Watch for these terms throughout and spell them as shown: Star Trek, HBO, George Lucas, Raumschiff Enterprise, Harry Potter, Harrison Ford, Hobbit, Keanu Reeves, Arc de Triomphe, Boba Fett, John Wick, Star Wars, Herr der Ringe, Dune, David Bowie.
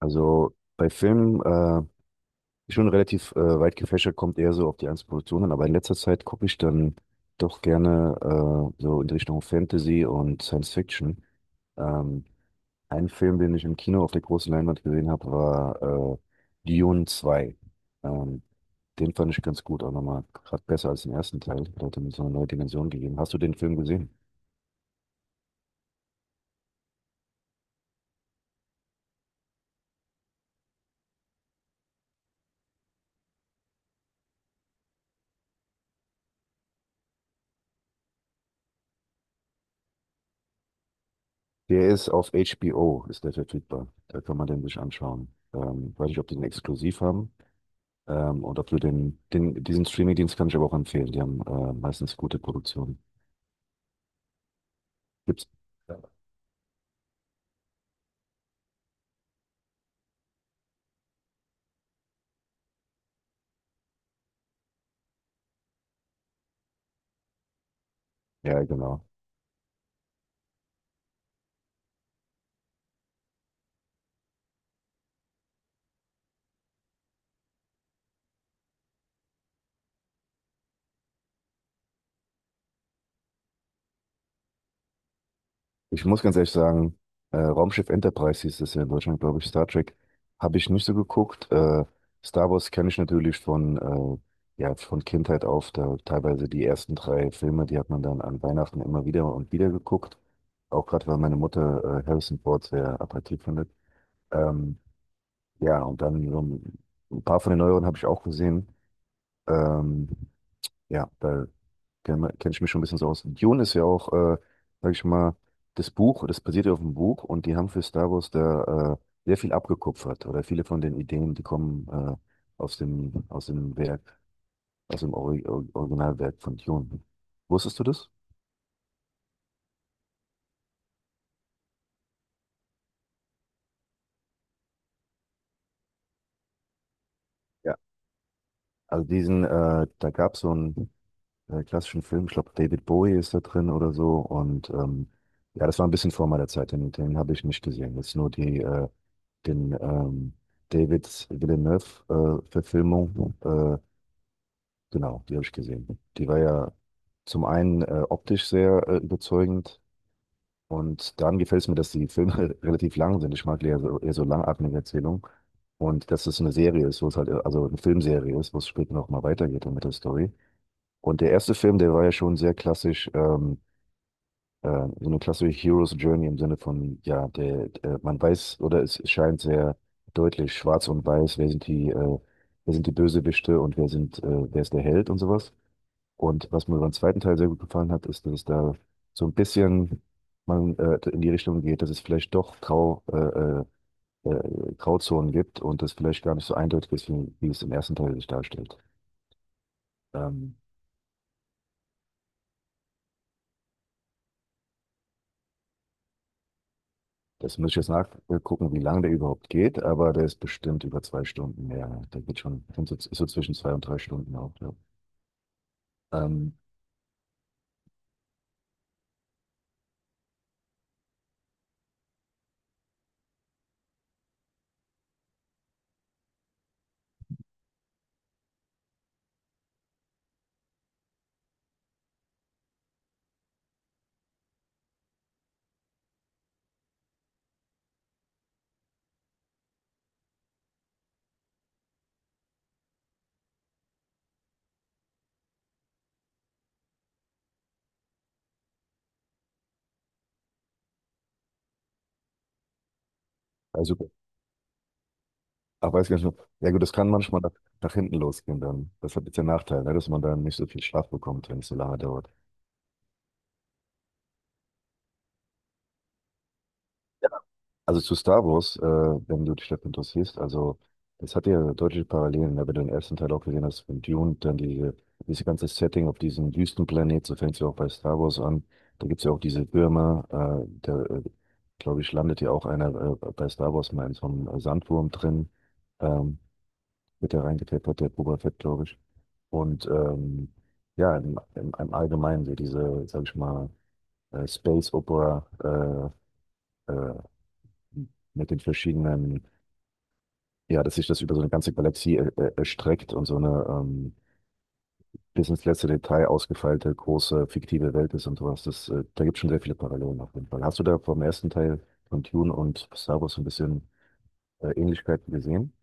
Also bei Filmen schon relativ weit gefächert, kommt eher so auf die einzelnen Produktion an, aber in letzter Zeit gucke ich dann doch gerne so in die Richtung Fantasy und Science Fiction. Ähm, ein Film, den ich im Kino auf der großen Leinwand gesehen habe, war Dune zwei. Ähm, Den fand ich ganz gut, auch nochmal gerade besser als den ersten Teil. Der hat ihm so eine neue Dimension gegeben. Hast du den Film gesehen? Der ist auf HBO, ist der verfügbar. Da kann man den sich anschauen. Weiß nicht, ob die den exklusiv haben. Und dafür diesen Streaming-Dienst kann ich aber auch empfehlen. Die haben meistens gute Produktionen. Gibt's? Ja, genau. Ich muss ganz ehrlich sagen, Raumschiff Enterprise hieß das ja in Deutschland, glaube ich, Star Trek, habe ich nicht so geguckt. Star Wars kenne ich natürlich von, ja, von Kindheit auf. Da teilweise die ersten drei Filme, die hat man dann an Weihnachten immer wieder und wieder geguckt. Auch gerade, weil meine Mutter Harrison Ford sehr attraktiv findet. Ähm, ja, und dann so ein paar von den neueren habe ich auch gesehen. Ähm, ja, da kenn ich mich schon ein bisschen so aus. Dune ist ja auch, sag ich mal, das Buch, das basiert ja auf dem Buch und die haben für Star Wars da sehr viel abgekupfert oder viele von den Ideen, die kommen aus dem Werk, aus dem Originalwerk von Dune. Wusstest du das? Ja. Also diesen, da gab es so ein klassischen Filmen. Ich glaube, David Bowie ist da drin oder so. Und ja, das war ein bisschen vor meiner Zeit. Den habe ich nicht gesehen. Jetzt nur die, den David Villeneuve-Verfilmung. Genau, die habe ich gesehen. Die war ja zum einen optisch sehr überzeugend. Und dann gefällt es mir, dass die Filme relativ lang sind. Ich mag eher so langatmige Erzählungen. Und dass es eine Serie ist, wo es halt, also eine Filmserie ist, wo es später noch mal weitergeht mit der Story. Und der erste Film, der war ja schon sehr klassisch, äh, so eine klassische Hero's Journey im Sinne von, ja, der, man weiß oder es scheint sehr deutlich schwarz und weiß, wer sind die Bösewichte und wer sind, wer ist der Held und sowas. Und was mir beim zweiten Teil sehr gut gefallen hat, ist, dass es da so ein bisschen man in die Richtung geht, dass es vielleicht doch Grau, Grauzonen gibt und das vielleicht gar nicht so eindeutig ist, wie es im ersten Teil sich darstellt. Ähm, Das muss ich jetzt nachgucken, wie lange der überhaupt geht, aber der ist bestimmt über zwei Stunden mehr. Der geht schon, ist so zwischen zwei und drei Stunden auch. Ja. Ähm, also, aber weiß ich gar nicht mehr. Ja gut, das kann manchmal nach hinten losgehen dann. Das hat jetzt den Nachteil, ne, dass man dann nicht so viel Schlaf bekommt, wenn es so lange dauert. Also zu Star Wars, wenn du dich dafür interessierst, also das hat ja deutliche Parallelen, ne? Wenn du den ersten Teil auch gesehen hast von Dune, diese ganze Setting auf diesem Wüstenplanet, so fängt es ja auch bei Star Wars an. Da gibt es ja auch diese Würmer, da glaube ich, landet ja auch einer bei Star Wars mal in so einem Sandwurm drin, ähm, wird da reingeklettert, der Boba Fett, glaube ich. Und ja, im Allgemeinen so diese, sag ich mal, Space Opera äh, mit den verschiedenen ja, dass sich das über so eine ganze Galaxie erstreckt und so eine bis ins letzte Detail ausgefeilte, große, fiktive Welt ist und sowas. Das, da gibt es schon sehr viele Parallelen auf jeden Fall. Hast du da vom ersten Teil von Dune und Star Wars so ein bisschen Ähnlichkeiten gesehen?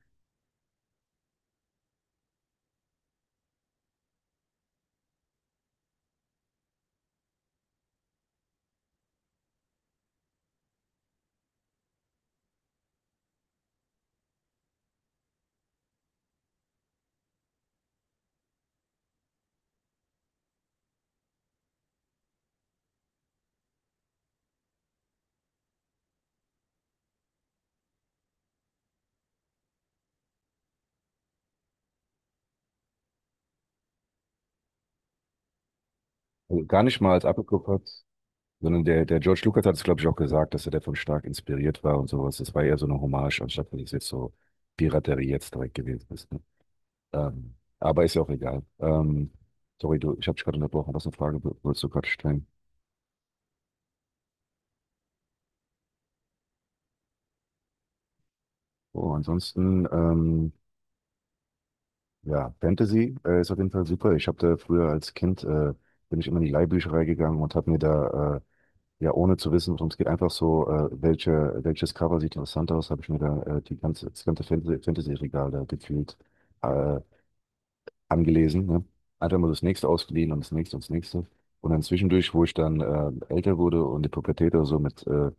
Also gar nicht mal als abgekupfert, sondern der George Lucas hat es, glaube ich, auch gesagt, dass er davon stark inspiriert war und sowas. Das war eher so eine Hommage, anstatt dass es jetzt so Piraterie jetzt direkt gewesen ist. Ne? Aber ist ja auch egal. Sorry, du, ich habe dich gerade unterbrochen. Was für eine Frage wolltest du gerade stellen? Oh, ansonsten, ja, Fantasy ist auf jeden Fall super. Ich habe da früher als Kind, bin ich immer in die Leihbücherei gegangen und habe mir da, ja, ohne zu wissen, worum es geht, einfach so, welches Cover sieht interessant aus, habe ich mir da das ganze Fantasy-Regal da gefühlt äh, angelesen. Ne? Einfach mal das nächste ausgeliehen und das nächste und das nächste. Und dann zwischendurch, wo ich dann älter wurde und die Pubertät oder so mit äh,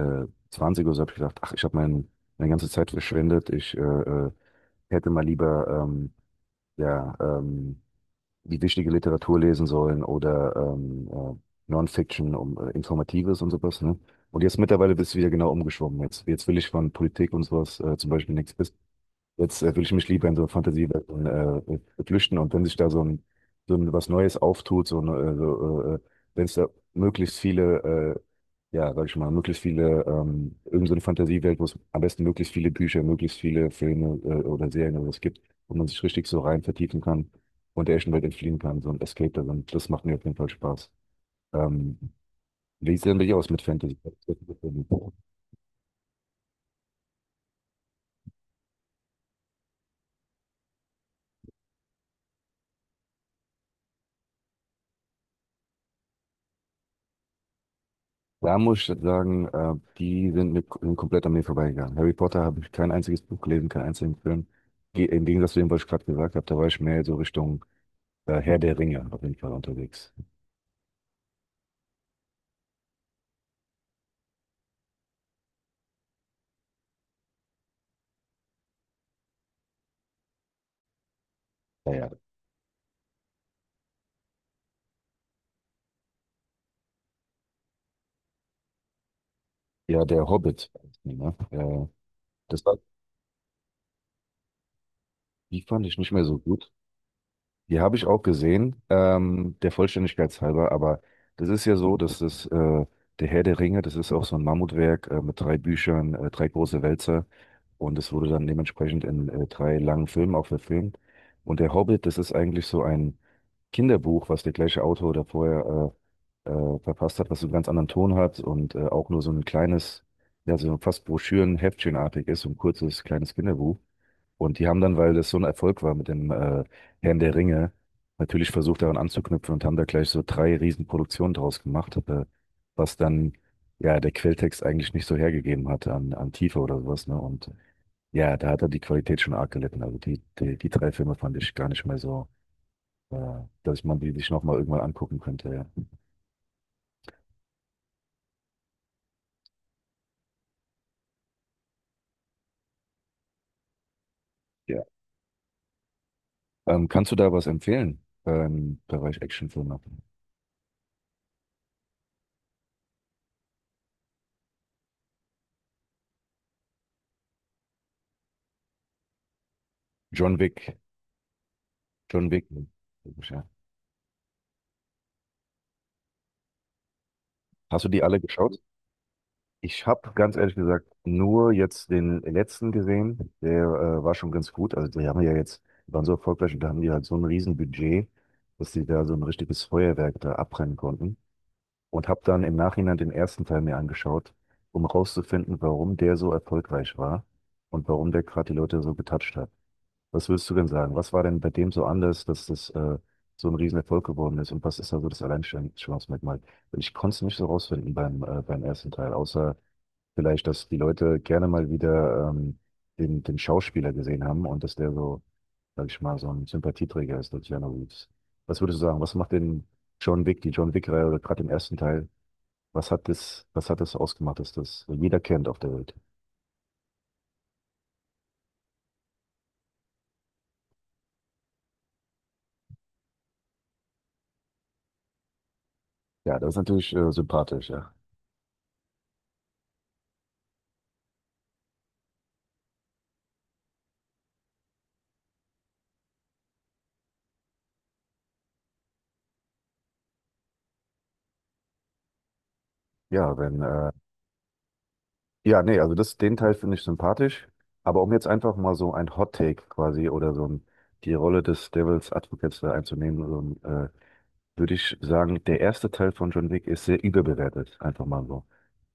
äh, 20 oder so, habe ich gedacht, ach, meine ganze Zeit verschwendet. Ich hätte mal lieber ja, die wichtige Literatur lesen sollen oder Non-Fiction, um Informatives und sowas. Ne? Und jetzt mittlerweile bist du wieder genau umgeschwommen. Jetzt will ich von Politik und sowas zum Beispiel nichts wissen. Jetzt will ich mich lieber in so Fantasiewelten flüchten und wenn sich da so ein was Neues auftut, so, ein, so wenn es da möglichst viele äh, ja, sag ich mal, möglichst viele, irgend so eine Fantasiewelt, wo es am besten möglichst viele Bücher, möglichst viele Filme, oder Serien oder was gibt, wo man sich richtig so rein vertiefen kann und der echten Welt entfliehen kann, so ein Escape darin. Das macht mir auf jeden Fall Spaß. Ähm, wie sieht denn bei dir aus mit Fantasy? Da muss ich sagen, mir, sind komplett an mir vorbeigegangen. Harry Potter habe ich kein einziges Buch gelesen, keinen einzigen Film. Im Gegensatz zu dem, was ich gerade gesagt habe, da war ich mehr so Richtung Herr der Ringe auf jeden Fall unterwegs. Ja, der Hobbit. Ne? Das war, die fand ich nicht mehr so gut. Die habe ich auch gesehen, der Vollständigkeit halber, aber das ist ja so, dass das der Herr der Ringe, das ist auch so ein Mammutwerk mit drei Büchern, drei große Wälzer und es wurde dann dementsprechend in drei langen Filmen auch verfilmt. Und der Hobbit, das ist eigentlich so ein Kinderbuch, was der gleiche Autor da vorher verfasst hat, was so einen ganz anderen Ton hat und auch nur so ein kleines, ja, so fast Broschüren, Heftchenartig ist, so ein kurzes, kleines Kinderbuch. Und die haben dann, weil das so ein Erfolg war mit dem Herrn der Ringe, natürlich versucht daran anzuknüpfen und haben da gleich so drei Riesenproduktionen draus gemacht, was dann ja der Quelltext eigentlich nicht so hergegeben hatte an, an Tiefe oder sowas, ne? Und ja, da hat er die Qualität schon arg gelitten. Also die drei Filme fand ich gar nicht mehr so. Ja. Dass man die sich nochmal irgendwann angucken könnte, ja. Ja. Kannst du da was empfehlen im Bereich Actionfilme? John Wick, John Wick. Ja. Hast du die alle geschaut? Ich habe ganz ehrlich gesagt nur jetzt den letzten gesehen. Der war schon ganz gut. Also die haben ja jetzt, die waren so erfolgreich und da haben die halt so ein Riesenbudget, dass die da so ein richtiges Feuerwerk da abbrennen konnten. Und habe dann im Nachhinein den ersten Teil mir angeschaut, um rauszufinden, warum der so erfolgreich war und warum der gerade die Leute so getatscht hat. Was würdest du denn sagen? Was war denn bei dem so anders, dass das so ein Riesenerfolg geworden ist? Und was ist da so das Alleinstellungsmerkmal? Und ich konnte es nicht so rausfinden beim, beim ersten Teil, außer vielleicht, dass die Leute gerne mal wieder den Schauspieler gesehen haben und dass der so, sag ich mal, so ein Sympathieträger ist, der Keanu Reeves. Was würdest du sagen? Was macht den John Wick, die John Wick-Reihe oder gerade den ersten Teil was hat das ausgemacht, dass das jeder kennt auf der Welt? Ja, das ist natürlich sympathisch, ja. Ja, wenn, ja, nee, also das, den Teil finde ich sympathisch. Aber um jetzt einfach mal so ein Hot Take quasi oder so ein, die Rolle des Devil's Advocates da einzunehmen, ein, äh, würde ich sagen, der erste Teil von John Wick ist sehr überbewertet, einfach mal so.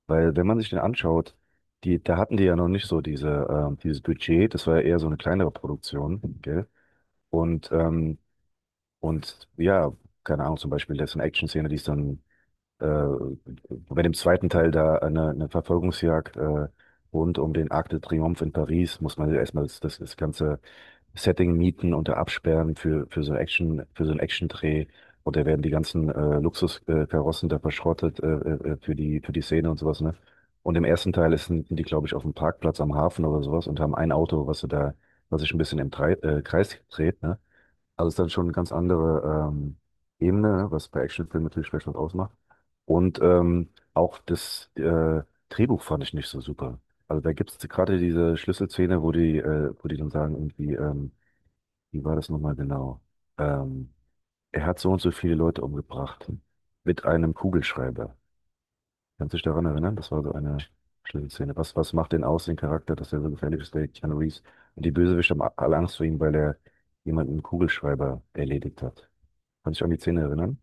Weil wenn man sich den anschaut, die, da hatten die ja noch nicht so diese, dieses Budget, das war ja eher so eine kleinere Produktion, gell? Und und ja, keine Ahnung, zum Beispiel, das ist eine Action-Szene, die ist dann äh, bei dem zweiten Teil da eine Verfolgungsjagd rund um den Arc de Triomphe in Paris, muss man ja erstmal das ganze Setting mieten und da absperren für so ein Action, für so einen Action-Dreh. Und da werden die ganzen Luxuskarossen da verschrottet für die Szene und sowas, ne? Und im ersten Teil sind die, glaube ich, auf dem Parkplatz am Hafen oder sowas und haben ein Auto, was sie da, was sich ein bisschen im Kreis dreht, ne? Also es ist dann schon eine ganz andere Ebene, ne, was bei Actionfilmen natürlich vielleicht was ausmacht. Und auch das Drehbuch fand ich nicht so super. Also da gibt es gerade diese Schlüsselszene, wo die dann sagen, irgendwie, wie war das nochmal genau? Ähm, er hat so und so viele Leute umgebracht mit einem Kugelschreiber. Kannst du dich daran erinnern? Das war so eine Schlüsselszene. Was macht den aus, den Charakter, dass er so gefährlich ist, der Keanu Reeves? Und die Bösewichte haben alle Angst vor ihm, weil er jemanden mit einem Kugelschreiber erledigt hat. Kann dich an die Szene erinnern?